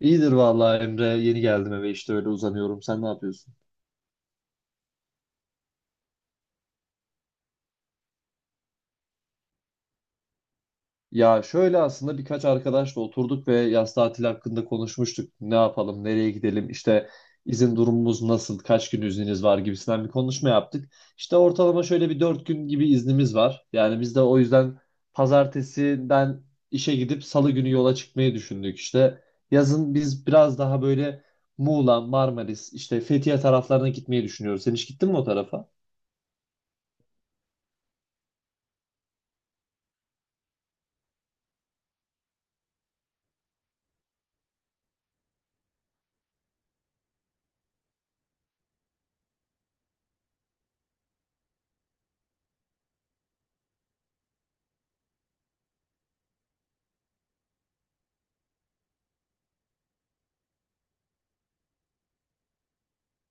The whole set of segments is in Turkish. İyidir vallahi Emre. Yeni geldim eve, işte öyle uzanıyorum. Sen ne yapıyorsun? Ya şöyle, aslında birkaç arkadaşla oturduk ve yaz tatili hakkında konuşmuştuk. Ne yapalım, nereye gidelim, işte izin durumumuz nasıl, kaç gün izniniz var gibisinden bir konuşma yaptık. İşte ortalama şöyle bir 4 gün gibi iznimiz var. Yani biz de o yüzden pazartesiden işe gidip salı günü yola çıkmayı düşündük işte. Yazın biz biraz daha böyle Muğla, Marmaris, işte Fethiye taraflarına gitmeyi düşünüyoruz. Sen hiç gittin mi o tarafa?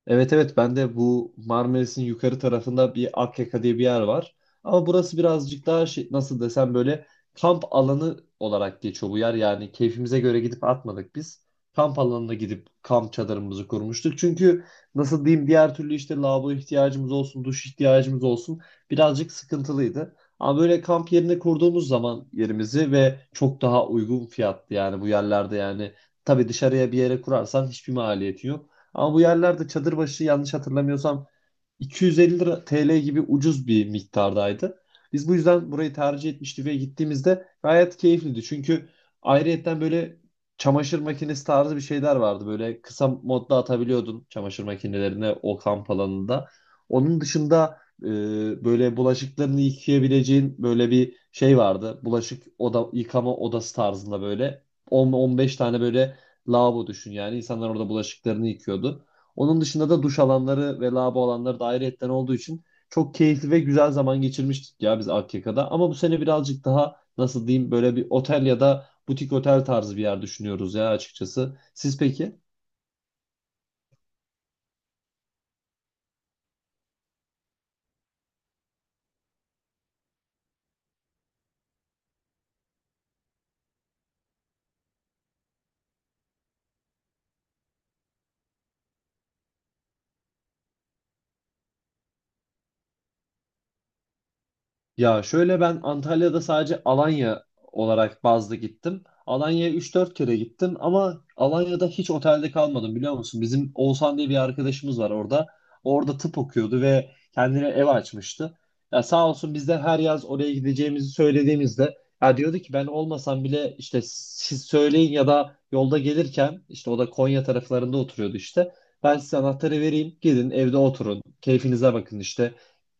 Evet, evet, ben de bu Marmaris'in yukarı tarafında bir Akyaka diye bir yer var. Ama burası birazcık daha şey, nasıl desem, böyle kamp alanı olarak geçiyor bu yer. Yani keyfimize göre gidip atmadık biz. Kamp alanına gidip kamp çadırımızı kurmuştuk. Çünkü nasıl diyeyim, diğer türlü işte lavabo ihtiyacımız olsun, duş ihtiyacımız olsun, birazcık sıkıntılıydı. Ama böyle kamp yerine kurduğumuz zaman yerimizi ve çok daha uygun fiyatlı, yani bu yerlerde, yani tabii dışarıya bir yere kurarsan hiçbir maliyeti yok. Ama bu yerlerde çadır başı, yanlış hatırlamıyorsam, 250 lira TL gibi ucuz bir miktardaydı. Biz bu yüzden burayı tercih etmiştik ve gittiğimizde gayet keyifliydi. Çünkü ayrıyetten böyle çamaşır makinesi tarzı bir şeyler vardı. Böyle kısa modda atabiliyordun çamaşır makinelerine o kamp alanında. Onun dışında böyle bulaşıklarını yıkayabileceğin böyle bir şey vardı. Bulaşık oda, yıkama odası tarzında böyle 10-15 tane böyle lavabo düşün yani. İnsanlar orada bulaşıklarını yıkıyordu. Onun dışında da duş alanları ve lavabo alanları da ayrıyetten olduğu için çok keyifli ve güzel zaman geçirmiştik ya biz Akyaka'da. Ama bu sene birazcık daha, nasıl diyeyim, böyle bir otel ya da butik otel tarzı bir yer düşünüyoruz ya açıkçası. Siz peki? Ya şöyle, ben Antalya'da sadece Alanya olarak bazlı gittim. Alanya'ya 3-4 kere gittim, ama Alanya'da hiç otelde kalmadım, biliyor musun? Bizim Oğuzhan diye bir arkadaşımız var orada. Orada tıp okuyordu ve kendine ev açmıştı. Ya sağ olsun, biz de her yaz oraya gideceğimizi söylediğimizde ya diyordu ki, ben olmasam bile işte siz söyleyin, ya da yolda gelirken, işte o da Konya taraflarında oturuyordu işte. Ben size anahtarı vereyim. Gidin evde oturun. Keyfinize bakın işte.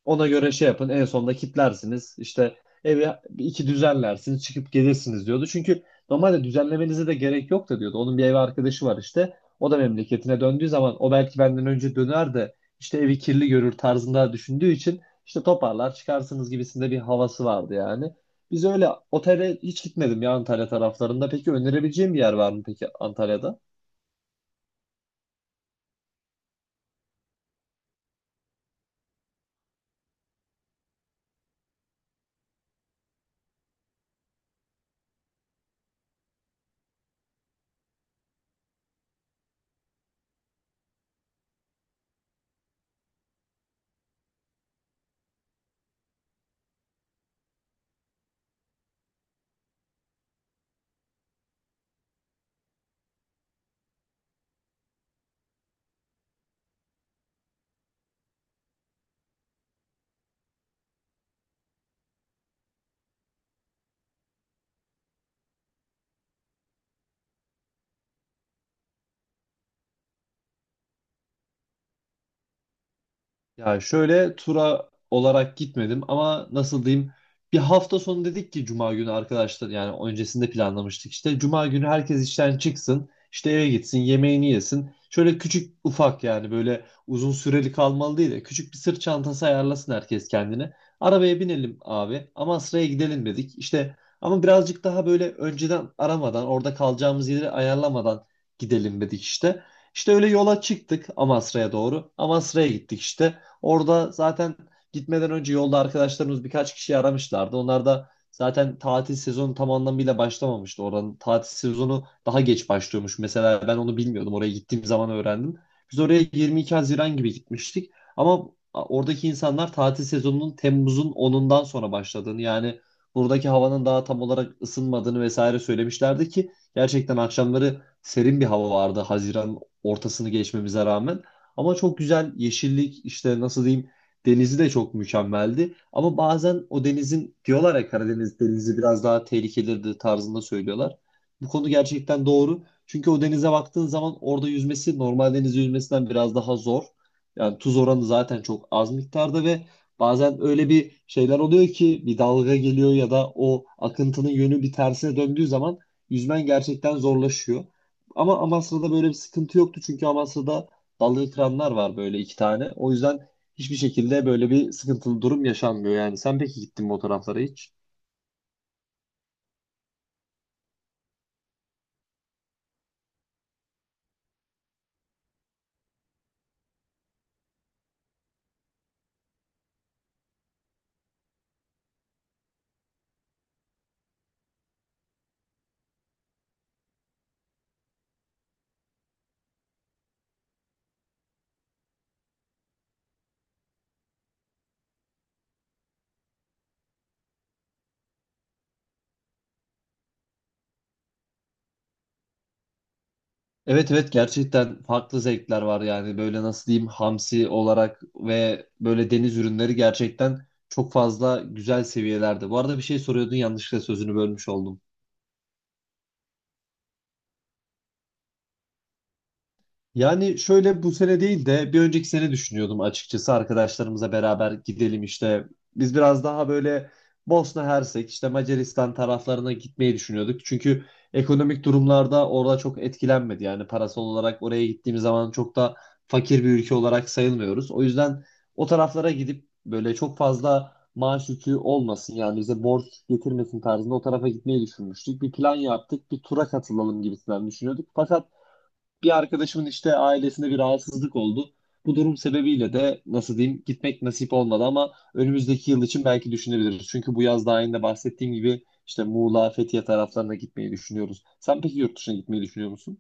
Ona göre şey yapın. En sonunda kitlersiniz. İşte evi bir iki düzenlersiniz, çıkıp gelirsiniz diyordu. Çünkü normalde düzenlemenize de gerek yok da diyordu. Onun bir ev arkadaşı var işte. O da memleketine döndüğü zaman, o belki benden önce döner de işte evi kirli görür tarzında düşündüğü için işte toparlar çıkarsınız gibisinde bir havası vardı yani. Biz öyle otele hiç gitmedim ya Antalya taraflarında. Peki önerebileceğim bir yer var mı peki Antalya'da? Ya şöyle, tura olarak gitmedim, ama nasıl diyeyim, bir hafta sonu dedik ki cuma günü arkadaşlar, yani öncesinde planlamıştık işte, cuma günü herkes işten çıksın işte, eve gitsin yemeğini yesin, şöyle küçük ufak yani böyle uzun süreli kalmalı değil de küçük bir sırt çantası ayarlasın herkes kendine, arabaya binelim abi ama Asraya gidelim dedik işte, ama birazcık daha böyle önceden aramadan, orada kalacağımız yeri ayarlamadan gidelim dedik işte. İşte öyle yola çıktık Amasra'ya doğru. Amasra'ya gittik işte. Orada zaten gitmeden önce yolda arkadaşlarımız birkaç kişi aramışlardı. Onlar da zaten tatil sezonu tam anlamıyla başlamamıştı. Oranın tatil sezonu daha geç başlıyormuş. Mesela ben onu bilmiyordum. Oraya gittiğim zaman öğrendim. Biz oraya 22 Haziran gibi gitmiştik. Ama oradaki insanlar tatil sezonunun Temmuz'un 10'undan sonra başladığını, yani buradaki havanın daha tam olarak ısınmadığını vesaire söylemişlerdi ki gerçekten akşamları serin bir hava vardı, Haziran ortasını geçmemize rağmen. Ama çok güzel yeşillik işte, nasıl diyeyim, denizi de çok mükemmeldi. Ama bazen o denizin, diyorlar ya, Karadeniz denizi biraz daha tehlikelidir tarzında söylüyorlar. Bu konu gerçekten doğru. Çünkü o denize baktığın zaman orada yüzmesi normal deniz yüzmesinden biraz daha zor. Yani tuz oranı zaten çok az miktarda ve bazen öyle bir şeyler oluyor ki, bir dalga geliyor ya da o akıntının yönü bir tersine döndüğü zaman yüzmen gerçekten zorlaşıyor. Ama Amasra'da böyle bir sıkıntı yoktu, çünkü Amasra'da dalga kıranlar var böyle 2 tane. O yüzden hiçbir şekilde böyle bir sıkıntılı durum yaşanmıyor yani. Sen peki gittin mi o taraflara hiç? Evet, evet, gerçekten farklı zevkler var yani, böyle nasıl diyeyim, hamsi olarak ve böyle deniz ürünleri gerçekten çok fazla güzel seviyelerde. Bu arada bir şey soruyordun, yanlışlıkla sözünü bölmüş oldum. Yani şöyle bu sene değil de bir önceki sene düşünüyordum açıkçası, arkadaşlarımıza beraber gidelim işte. Biz biraz daha böyle Bosna Hersek, işte Macaristan taraflarına gitmeyi düşünüyorduk. Çünkü ekonomik durumlarda orada çok etkilenmedi. Yani parasal olarak oraya gittiğimiz zaman çok da fakir bir ülke olarak sayılmıyoruz. O yüzden o taraflara gidip böyle çok fazla maaş yükü olmasın, yani bize borç getirmesin tarzında o tarafa gitmeyi düşünmüştük. Bir plan yaptık, bir tura katılalım gibisinden düşünüyorduk. Fakat bir arkadaşımın işte ailesinde bir rahatsızlık oldu. Bu durum sebebiyle de, nasıl diyeyim, gitmek nasip olmadı, ama önümüzdeki yıl için belki düşünebiliriz. Çünkü bu yaz, daha önce bahsettiğim gibi, işte Muğla, Fethiye taraflarına gitmeyi düşünüyoruz. Sen peki yurt dışına gitmeyi düşünüyor musun?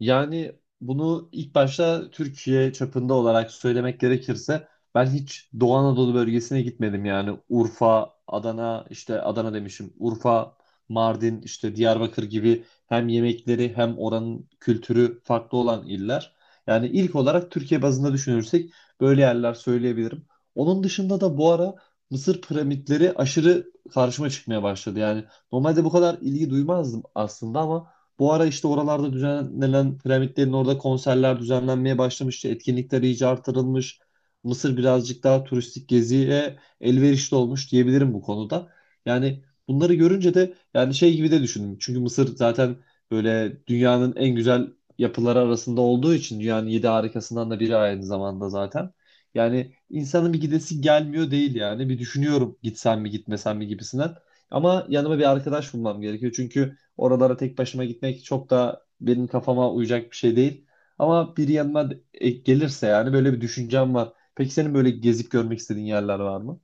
Yani bunu ilk başta Türkiye çapında olarak söylemek gerekirse, ben hiç Doğu Anadolu bölgesine gitmedim. Yani Urfa, Adana, işte Adana demişim. Urfa, Mardin, işte Diyarbakır gibi hem yemekleri hem oranın kültürü farklı olan iller. Yani ilk olarak Türkiye bazında düşünürsek böyle yerler söyleyebilirim. Onun dışında da bu ara Mısır piramitleri aşırı karşıma çıkmaya başladı. Yani normalde bu kadar ilgi duymazdım aslında, ama bu ara işte oralarda düzenlenen piramitlerin orada konserler düzenlenmeye başlamış. İşte etkinlikler iyice artırılmış. Mısır birazcık daha turistik geziye elverişli olmuş diyebilirim bu konuda. Yani bunları görünce de yani şey gibi de düşündüm. Çünkü Mısır zaten böyle dünyanın en güzel yapıları arasında olduğu için dünyanın yedi harikasından da biri aynı zamanda zaten. Yani insanın bir gidesi gelmiyor değil yani. Bir düşünüyorum, gitsem mi gitmesem mi gibisinden. Ama yanıma bir arkadaş bulmam gerekiyor. Çünkü oralara tek başıma gitmek çok da benim kafama uyacak bir şey değil. Ama biri yanıma gelirse yani böyle bir düşüncem var. Peki senin böyle gezip görmek istediğin yerler var mı?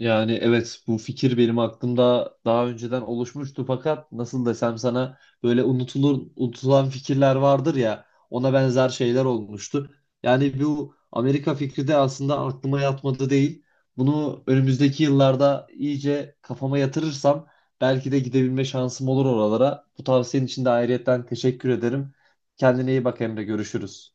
Yani evet, bu fikir benim aklımda daha önceden oluşmuştu, fakat nasıl desem sana, böyle unutulur unutulan fikirler vardır ya, ona benzer şeyler olmuştu. Yani bu Amerika fikri de aslında aklıma yatmadı değil. Bunu önümüzdeki yıllarda iyice kafama yatırırsam belki de gidebilme şansım olur oralara. Bu tavsiyenin için de ayrıyetten teşekkür ederim. Kendine iyi bak Emre, görüşürüz.